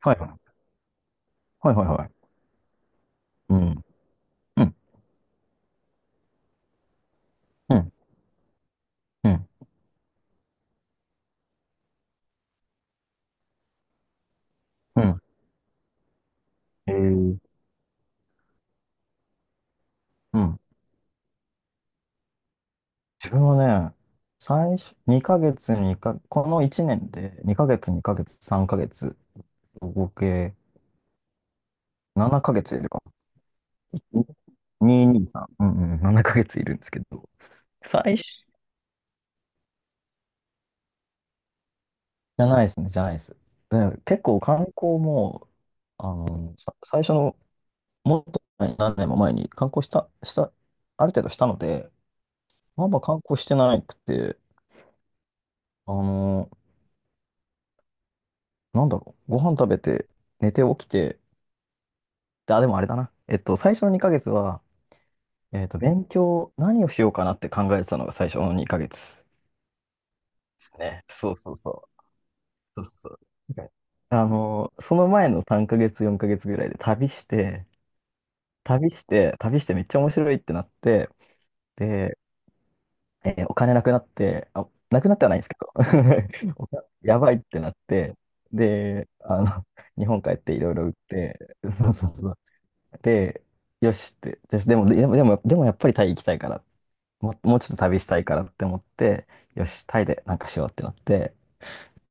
はいはい。はいはいはいはい。うん。うん。うん。うん。うん。えー、うん。自分はね、最初、2ヶ月。この1年で2ヶ月、2ヶ月、3ヶ月、合計7ヶ月いるかも。223。にさんうんうん。7ヶ月いるんですけど。最初。じゃないですね、じゃないです。で結構観光も、最初の、もっと前何年も前に観光した、ある程度したので、まあまあ観光してなくて、あの、なんだろう。ご飯食べて、寝て起きて、で、でもあれだな。最初の2ヶ月は、勉強、何をしようかなって考えてたのが最初の2ヶ月ですね。そうそうそう。そうそう。なんかその前の3ヶ月、4ヶ月ぐらいで旅して、旅して、旅してめっちゃ面白いってなって、で、お金なくなって、あ、なくなってはないんですけど、お金やばいってなって、で、日本帰っていろいろ売って、で、よし、でもやっぱりタイ行きたいから、もうちょっと旅したいからって思って、よし、タイでなんかしようってなって、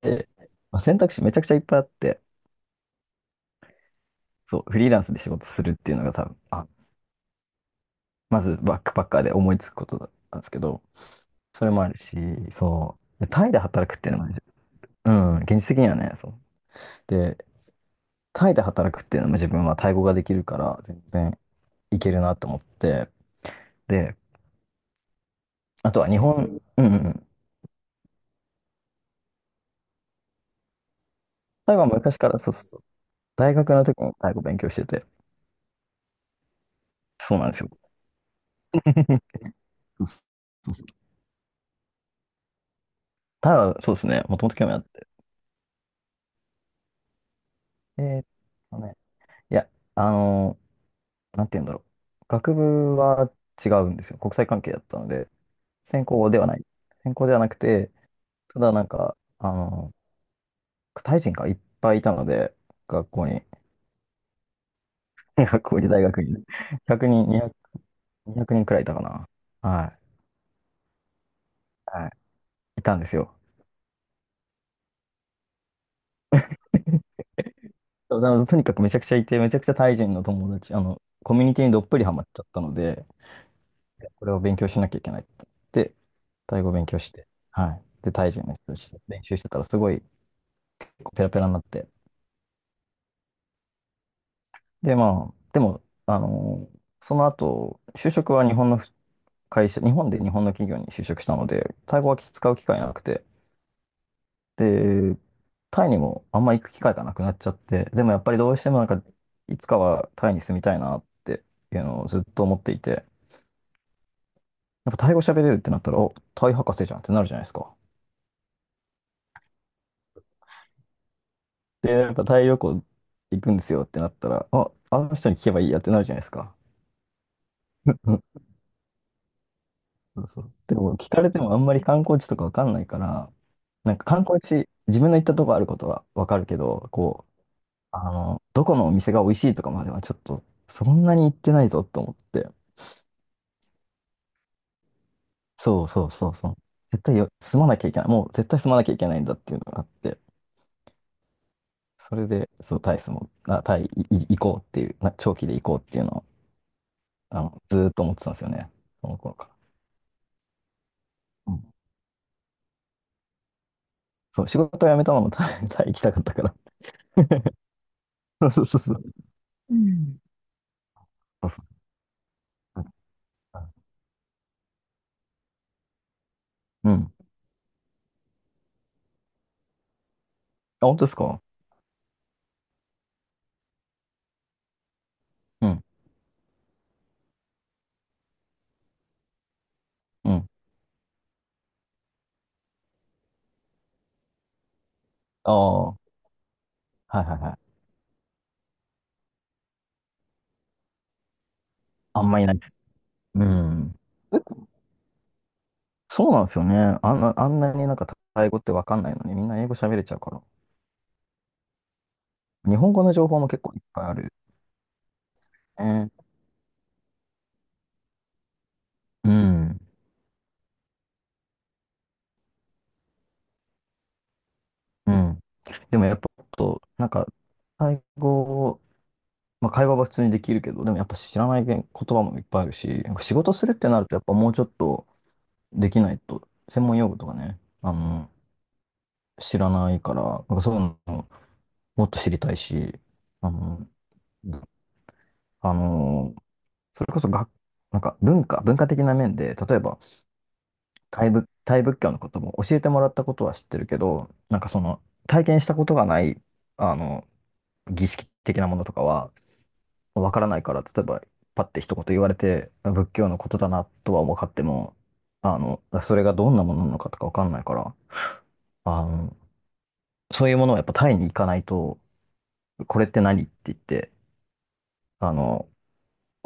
で、まあ、選択肢めちゃくちゃいっぱいあって、そう、フリーランスで仕事するっていうのが多分、まずバックパッカーで思いつくことだったんですけど、それもあるし、そう、でタイで働くっていうのもね、うん、現実的にはね、そう。で、タイで働くっていうのも自分はタイ語ができるから、全然いけるなと思って、で、あとは日本、うんうんうん。タイは昔から、そうそう、大学の時も太鼓勉強してて、そうなんですよ。そうそうそう。ただ、そうですね、もともと興味あって。えーっとね、いや、あのなんて言うんだろう。学部は違うんですよ。国際関係だったので、専攻ではない。専攻ではなくて、ただなんか、タイ人がいっぱいいたので、学校に、学校に大学にね、100人、200、200人くにんくらいいたかな。はい。はい。いたんですよ。そうだからとにかくめちゃくちゃいて、めちゃくちゃタイ人の友達、コミュニティにどっぷりハマっちゃったので、これを勉強しなきゃいけないって言って、タイ語勉強して、はい。で、タイ人の人として練習してたら、すごいペラペラになって。で、まあ、でも、あのその後、就職は日本の会社、日本で日本の企業に就職したので、タイ語は使う機会なくて、で、タイにもあんま行く機会がなくなっちゃって、でもやっぱりどうしてもなんか、いつかはタイに住みたいなっていうのをずっと思っていて、やっぱタイ語喋れるってなったら、お、タイ博士じゃんってなるじゃないですか。で、やっぱタイ旅行行くんですよってなったら、あ、あの人に聞けばいいやってなるじゃないですか。そうそう。でも聞かれてもあんまり観光地とかわかんないから、なんか観光地、自分の行ったとこあることはわかるけど、こう、どこのお店が美味しいとかまではちょっと、そんなに行ってないぞと思って。そうそうそうそう。絶対よ、住まなきゃいけない。もう絶対住まなきゃいけないんだっていうのがあって。それで、そう、タイスも、あ、タイ行こうっていう、長期で行こうっていうのを、ずーっと思ってたんですよね。その頃から。うん、そう、仕事を辞めたのもタイ行きたかったから。そうそうそう。うん、そうそうん。うん、あ、本当ですか。うん。うん。ああ、はいはいはい。あんまいないです。うん。えそうなんですよね。あんなになんかタイ語ってわかんないのに、みんな英語喋れちゃうから。日本語の情報も結構いっぱいある。ね。うん。うん。でもやっぱ、と、なんか、タ語まあ、会話は普通にできるけど、でもやっぱ知らない言葉もいっぱいあるし、なんか仕事するってなると、やっぱもうちょっとできないと、専門用語とかね、知らないから、なんかそういうのもっと知りたいし、あの、あの、それこそなんか文化、文化的な面で、例えば、タイ仏教のことも教えてもらったことは知ってるけど、なんかその、体験したことがない、あの、儀式的なものとかは、わからないから、例えば、パッて一言言われて、あ仏教のことだなとは分かっても、それがどんなものなのかとかわかんないから、あの、そういうものをやっぱタイに行かないと、これって何って言って、あの、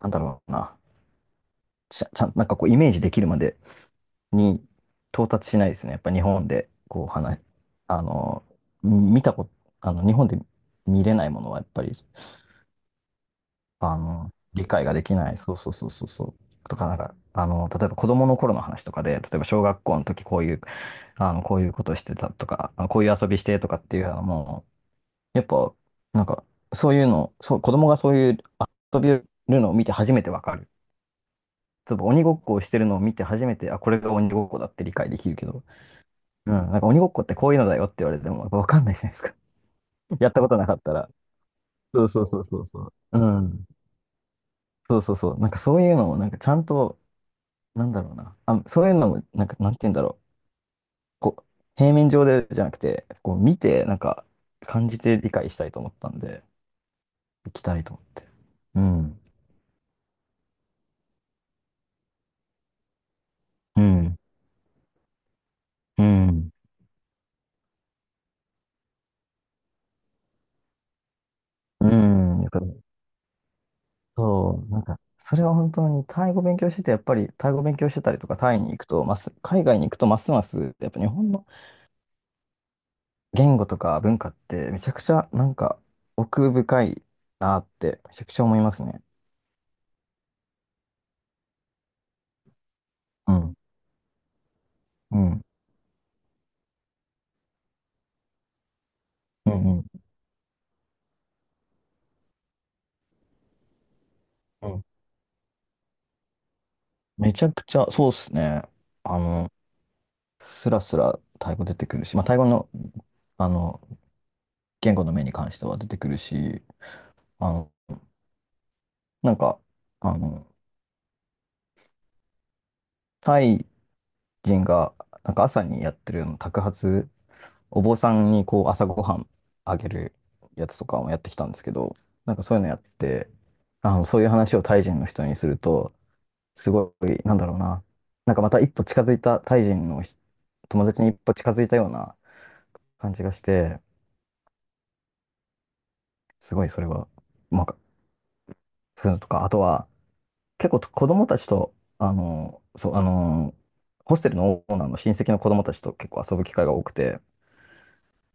なんだろうな、ちゃ、ちゃん、なんかこうイメージできるまでに到達しないですね。やっぱ日本で、こう話、あの、見たこと、あの、日本で見れないものはやっぱり、理解ができない。そうそうそうそうそう。とか、なんか、例えば子供の頃の話とかで、例えば小学校の時こういう、こういうことしてたとか、あこういう遊びしてとかっていうのはもう、やっぱ、なんか、そういうの、そう、子供がそういう遊びをるのを見て初めてわかる。例えば鬼ごっこをしてるのを見て初めて、あ、これが鬼ごっこだって理解できるけど、うん、なんか鬼ごっこってこういうのだよって言われても、やっぱわかんないじゃないですか。やったことなかったら。そうそうそうそうそう。うん。そうそうそう。なんかそういうのを、なんかちゃんと、なんだろうな。あ、そういうのも、なんか、なんて言うんだろう。こう、平面上でじゃなくて、こう、見て、なんか、感じて理解したいと思ったんで、行きたいと思って。うん。うん。うん。うん、やっぱそう、なんか、それは本当に、タイ語勉強してて、やっぱり、タイ語勉強してたりとか、タイに行くと、海外に行くと、ますます、やっぱ日本の言語とか文化って、めちゃくちゃ、なんか、奥深いなって、めちゃくちゃ思いますね。うん。うん。うんうん。めちゃくちゃ、そうですね。あの、スラスラタイ語出てくるし、まあ、タイ語の、あの、言語の面に関しては出てくるし、あの、なんか、あの、タイ人が、なんか朝にやってるの托鉢、お坊さんにこう朝ごはんあげるやつとかもやってきたんですけど、なんかそういうのやって、そういう話をタイ人の人にすると、すごい、なんだろうな、なんかまた一歩近づいたタイ人の友達に一歩近づいたような感じがして、すごいそれは、うまく、そういうのとか、あとは、結構子供たちと、ホステルのオーナーの親戚の子供たちと結構遊ぶ機会が多くて、やっ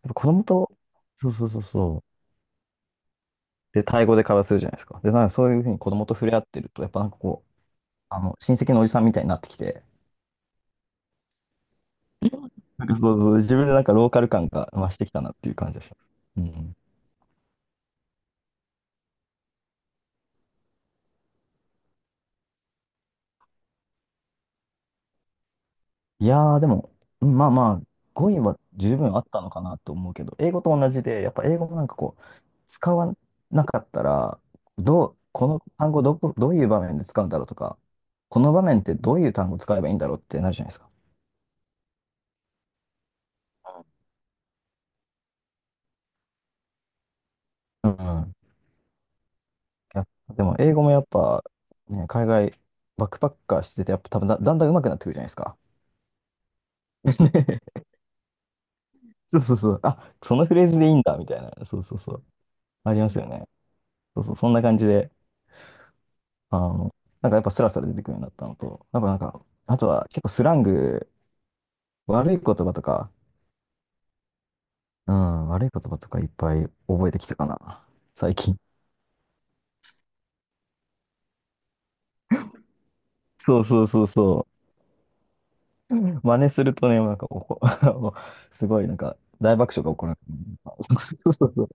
ぱ子供と、そうそうそうそう、で、タイ語で会話するじゃないですか。で、なんかそういうふうに子供と触れ合ってると、やっぱなんかこう、親戚のおじさんみたいになってきて、なんかそうそう、自分でなんかローカル感が増してきたなっていう感じがします。うん、いやー、でも、うん、まあまあ、語彙は十分あったのかなと思うけど、英語と同じで、やっぱ英語もなんかこう、使わなかったら、どう、この単語どこ、どういう場面で使うんだろうとか、この場面ってどういう単語使えばいいんだろうってなるじゃないですか。うん。いや、でも、英語もやっぱ、ね、海外、バックパッカーしてて、やっぱ多分だんだん上手くなってくるじゃないですか。そうそうそう。あ、そのフレーズでいいんだ、みたいな。そうそうそう。ありますよね。そうそう、そんな感じで。あの、なんかやっぱスラスラ出てくるようになったのと、なんか、あとは結構スラング、悪い言葉とか、うん、悪い言葉とかいっぱい覚えてきたかな、最近。そうそうそうそう。うん、真似するとね、なんかおこ、もうすごいなんか大爆笑が起こる。そうそうそう。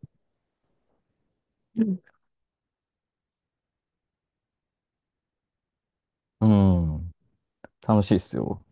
うん、楽しいっすよ。